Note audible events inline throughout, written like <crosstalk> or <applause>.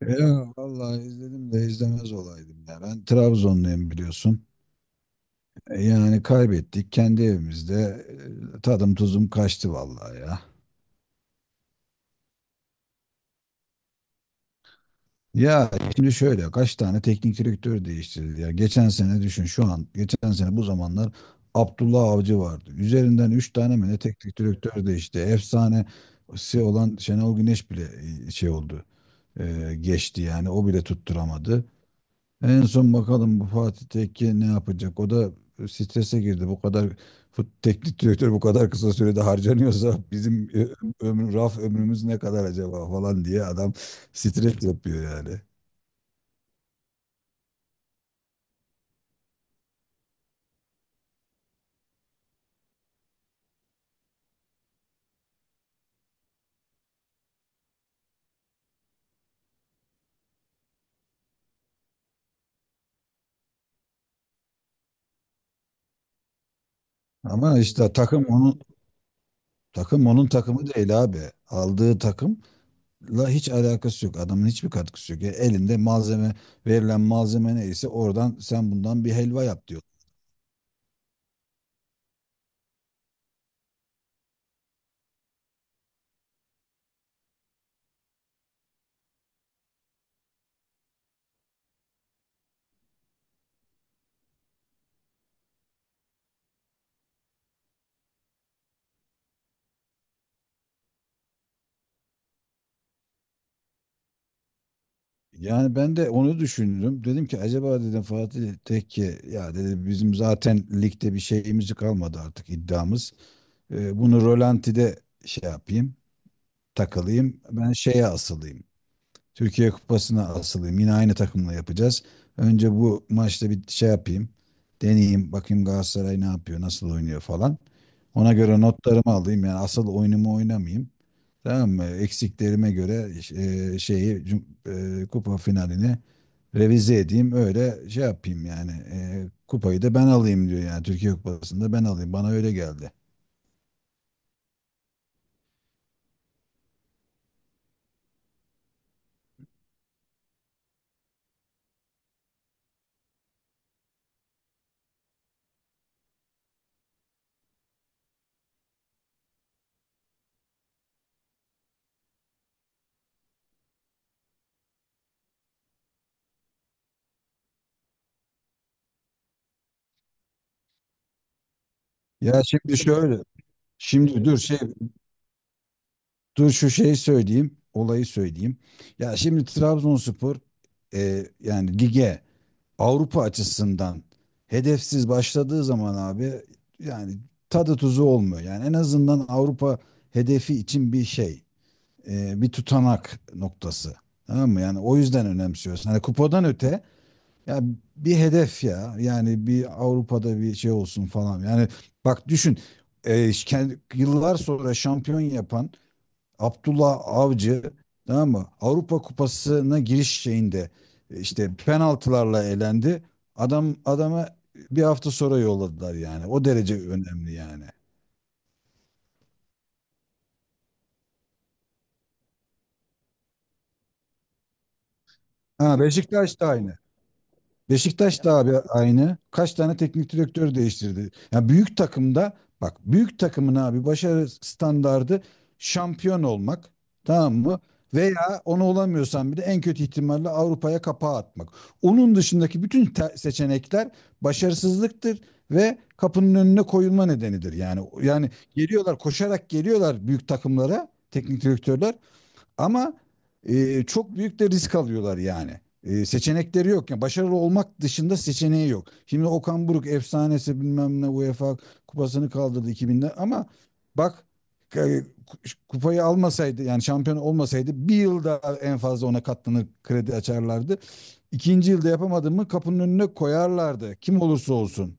Ya vallahi izledim de izlemez olaydım ya. Ben Trabzonluyum biliyorsun. Yani kaybettik kendi evimizde. Tadım tuzum kaçtı vallahi ya. Ya şimdi şöyle kaç tane teknik direktör değiştirildi ya. Geçen sene düşün şu an geçen sene bu zamanlar Abdullah Avcı vardı. Üzerinden 3 tane mi ne teknik direktör değişti. Efsanesi olan Şenol Güneş bile şey oldu. Geçti yani o bile tutturamadı. En son bakalım bu Fatih Tekke ne yapacak? O da strese girdi. Bu kadar teknik direktör bu kadar kısa sürede harcanıyorsa bizim ömür, raf ömrümüz ne kadar acaba falan diye adam stres yapıyor yani. Ama işte takım onun takımı değil abi. Aldığı takımla hiç alakası yok. Adamın hiçbir katkısı yok. Ya elinde malzeme verilen malzeme neyse oradan sen bundan bir helva yap diyor. Yani ben de onu düşündüm. Dedim ki acaba dedim Fatih Tekke ya dedi bizim zaten ligde bir şeyimiz kalmadı artık iddiamız. Bunu rolantide şey yapayım, takılayım. Ben şeye asılayım. Türkiye Kupası'na asılayım. Yine aynı takımla yapacağız. Önce bu maçta bir şey yapayım. Deneyeyim bakayım Galatasaray ne yapıyor, nasıl oynuyor falan. Ona göre notlarımı alayım. Yani asıl oyunumu oynamayayım. Tamam mı? Eksiklerime göre kupa finalini revize edeyim. Öyle şey yapayım yani. Kupayı da ben alayım diyor yani. Türkiye kupasında ben alayım. Bana öyle geldi. Ya şimdi şöyle. Şimdi dur şu şeyi söyleyeyim. Olayı söyleyeyim. Ya şimdi Trabzonspor yani lige Avrupa açısından hedefsiz başladığı zaman abi yani tadı tuzu olmuyor. Yani en azından Avrupa hedefi için bir şey. Bir tutanak noktası. Tamam mı? Yani o yüzden önemsiyorsun. Hani kupadan öte ya bir hedef ya. Yani bir Avrupa'da bir şey olsun falan. Yani bak düşün. Yıllar sonra şampiyon yapan Abdullah Avcı tamam mı? Avrupa Kupası'na giriş şeyinde işte penaltılarla elendi. Adam adama bir hafta sonra yolladılar yani. O derece önemli yani. Ha, Beşiktaş da aynı. Beşiktaş da abi aynı. Kaç tane teknik direktör değiştirdi. Yani büyük takımda bak büyük takımın abi başarı standardı şampiyon olmak. Tamam mı? Veya onu olamıyorsan bile en kötü ihtimalle Avrupa'ya kapağı atmak. Onun dışındaki bütün seçenekler başarısızlıktır ve kapının önüne koyulma nedenidir. Yani geliyorlar koşarak geliyorlar büyük takımlara teknik direktörler ama çok büyük de risk alıyorlar yani. Seçenekleri yok. Yani başarılı olmak dışında seçeneği yok. Şimdi Okan Buruk efsanesi bilmem ne UEFA kupasını kaldırdı 2000'de ama bak e, kupayı almasaydı yani şampiyon olmasaydı bir yıl daha en fazla ona katlanır kredi açarlardı. İkinci yılda yapamadı mı kapının önüne koyarlardı. Kim olursa olsun.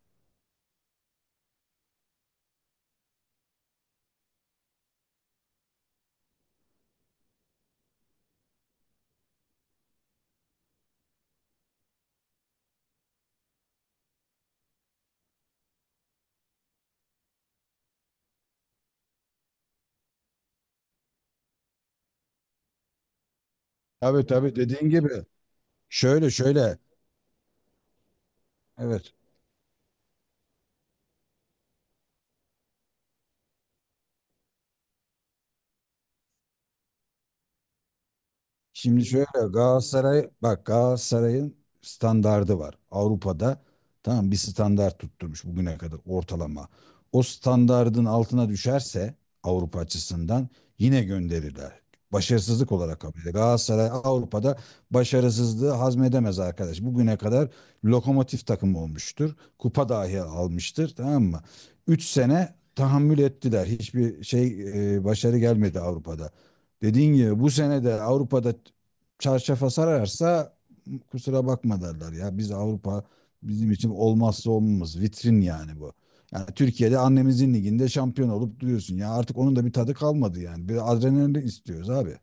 Tabii tabii dediğin gibi. Şöyle şöyle. Evet. Şimdi şöyle Galatasaray bak Galatasaray'ın standardı var. Avrupa'da tamam bir standart tutturmuş bugüne kadar ortalama. O standardın altına düşerse Avrupa açısından yine gönderirler. Başarısızlık olarak kabul edilir. Galatasaray Avrupa'da başarısızlığı hazmedemez arkadaş. Bugüne kadar lokomotif takım olmuştur. Kupa dahi almıştır tamam mı? 3 sene tahammül ettiler. Hiçbir şey başarı gelmedi Avrupa'da. Dediğin gibi bu sene de Avrupa'da çarşafa sararsa kusura bakma derler ya. Biz Avrupa bizim için olmazsa olmamız vitrin yani bu. Yani Türkiye'de annemizin liginde şampiyon olup duruyorsun. Ya artık onun da bir tadı kalmadı yani. Bir adrenalin istiyoruz abi.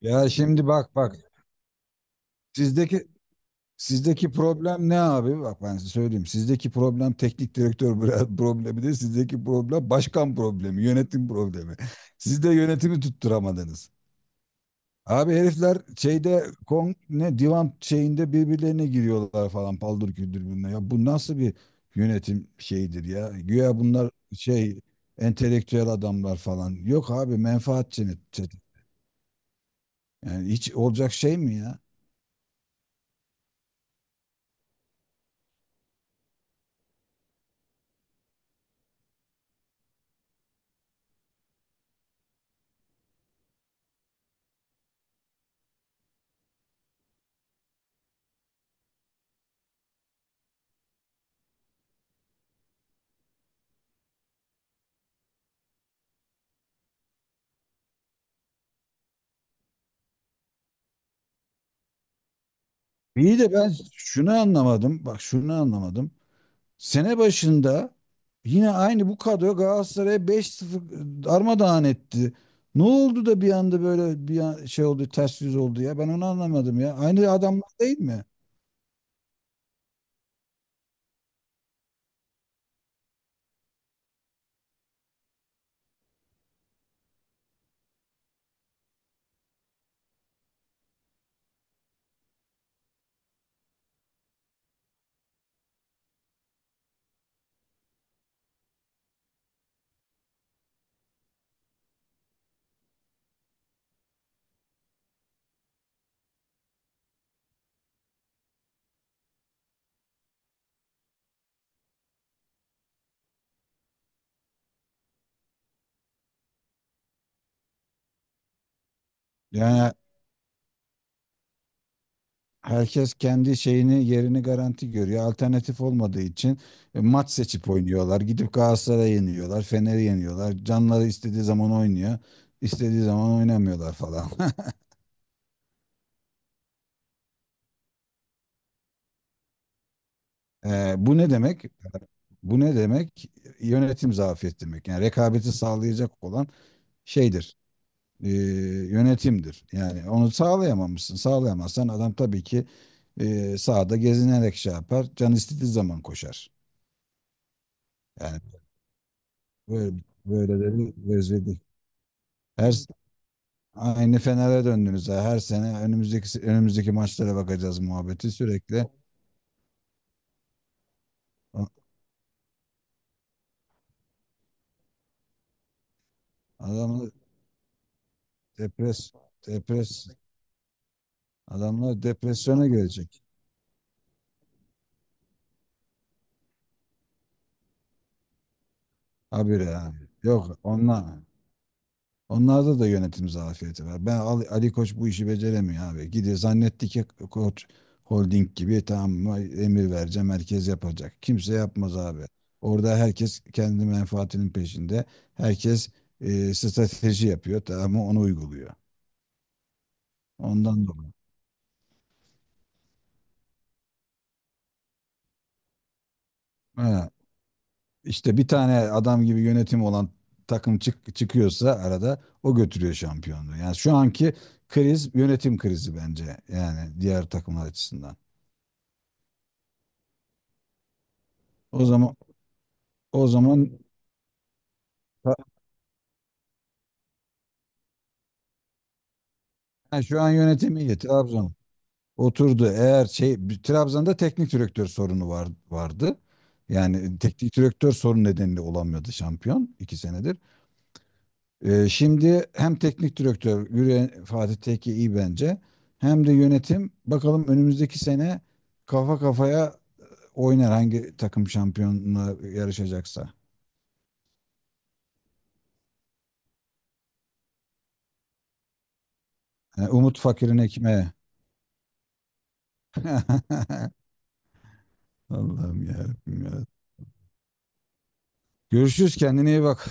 Ya şimdi bak bak sizdeki sizdeki problem ne abi? Bak ben size söyleyeyim. Sizdeki problem teknik direktör <laughs> problemi değil sizdeki problem başkan problemi, yönetim problemi. Siz de yönetimi tutturamadınız. Abi herifler şeyde kon ne divan şeyinde birbirlerine giriyorlar falan paldır küldür bilmem. Ya bu nasıl bir yönetim şeyidir ya? Güya bunlar şey entelektüel adamlar falan. Yok abi menfaat çetesi. Yani hiç olacak şey mi ya? İyi de ben şunu anlamadım. Bak şunu anlamadım. Sene başında yine aynı bu kadro Galatasaray'a 5-0 darmadağın etti. Ne oldu da bir anda böyle şey oldu, ters yüz oldu ya? Ben onu anlamadım ya. Aynı adamlar değil mi? Yani herkes kendi şeyini, yerini garanti görüyor. Alternatif olmadığı için maç seçip oynuyorlar. Gidip Galatasaray'ı yeniyorlar, Fener'i yeniyorlar. Canları istediği zaman oynuyor, istediği zaman oynamıyorlar falan. <laughs> Bu ne demek? Bu ne demek? Yönetim zafiyeti demek. Yani rekabeti sağlayacak olan şeydir, e, yönetimdir. Yani onu sağlayamamışsın. Sağlayamazsan adam tabii ki sahada gezinerek şey yapar. Can istediği zaman koşar. Yani böyle böyleleri özledik. Her s- Aynı Fener'e döndünüz. Ha. Her sene önümüzdeki maçlara bakacağız muhabbeti sürekli. A- Adamlar depres depres depresyona gelecek. Habire yani. Yok onlar. Onlarda da yönetim zafiyeti var. Ben Ali Koç bu işi beceremiyor abi. Gidiyor zannetti ki Koç Holding gibi tamam mı, emir vereceğim herkes yapacak. Kimse yapmaz abi. Orada herkes kendi menfaatinin peşinde. Herkes strateji yapıyor tamam mı onu uyguluyor. Ondan dolayı. Ha, işte bir tane adam gibi yönetim olan takım çıkıyorsa arada o götürüyor şampiyonluğu. Yani şu anki kriz yönetim krizi bence yani diğer takımlar açısından. O zaman O zaman ha, şu an yönetimi iyi. Trabzon oturdu. Eğer Trabzon'da teknik direktör sorunu var, vardı. Yani teknik direktör sorun nedeniyle olamıyordu şampiyon 2 senedir. Şimdi hem teknik direktör Yürüyen Fatih Tekke iyi bence. Hem de yönetim bakalım önümüzdeki sene kafa kafaya oynar hangi takım şampiyonla yarışacaksa. Yani Umut Fakir'in ekmeği. <laughs> Allah'ım yarabbim ya. Görüşürüz kendine iyi bak.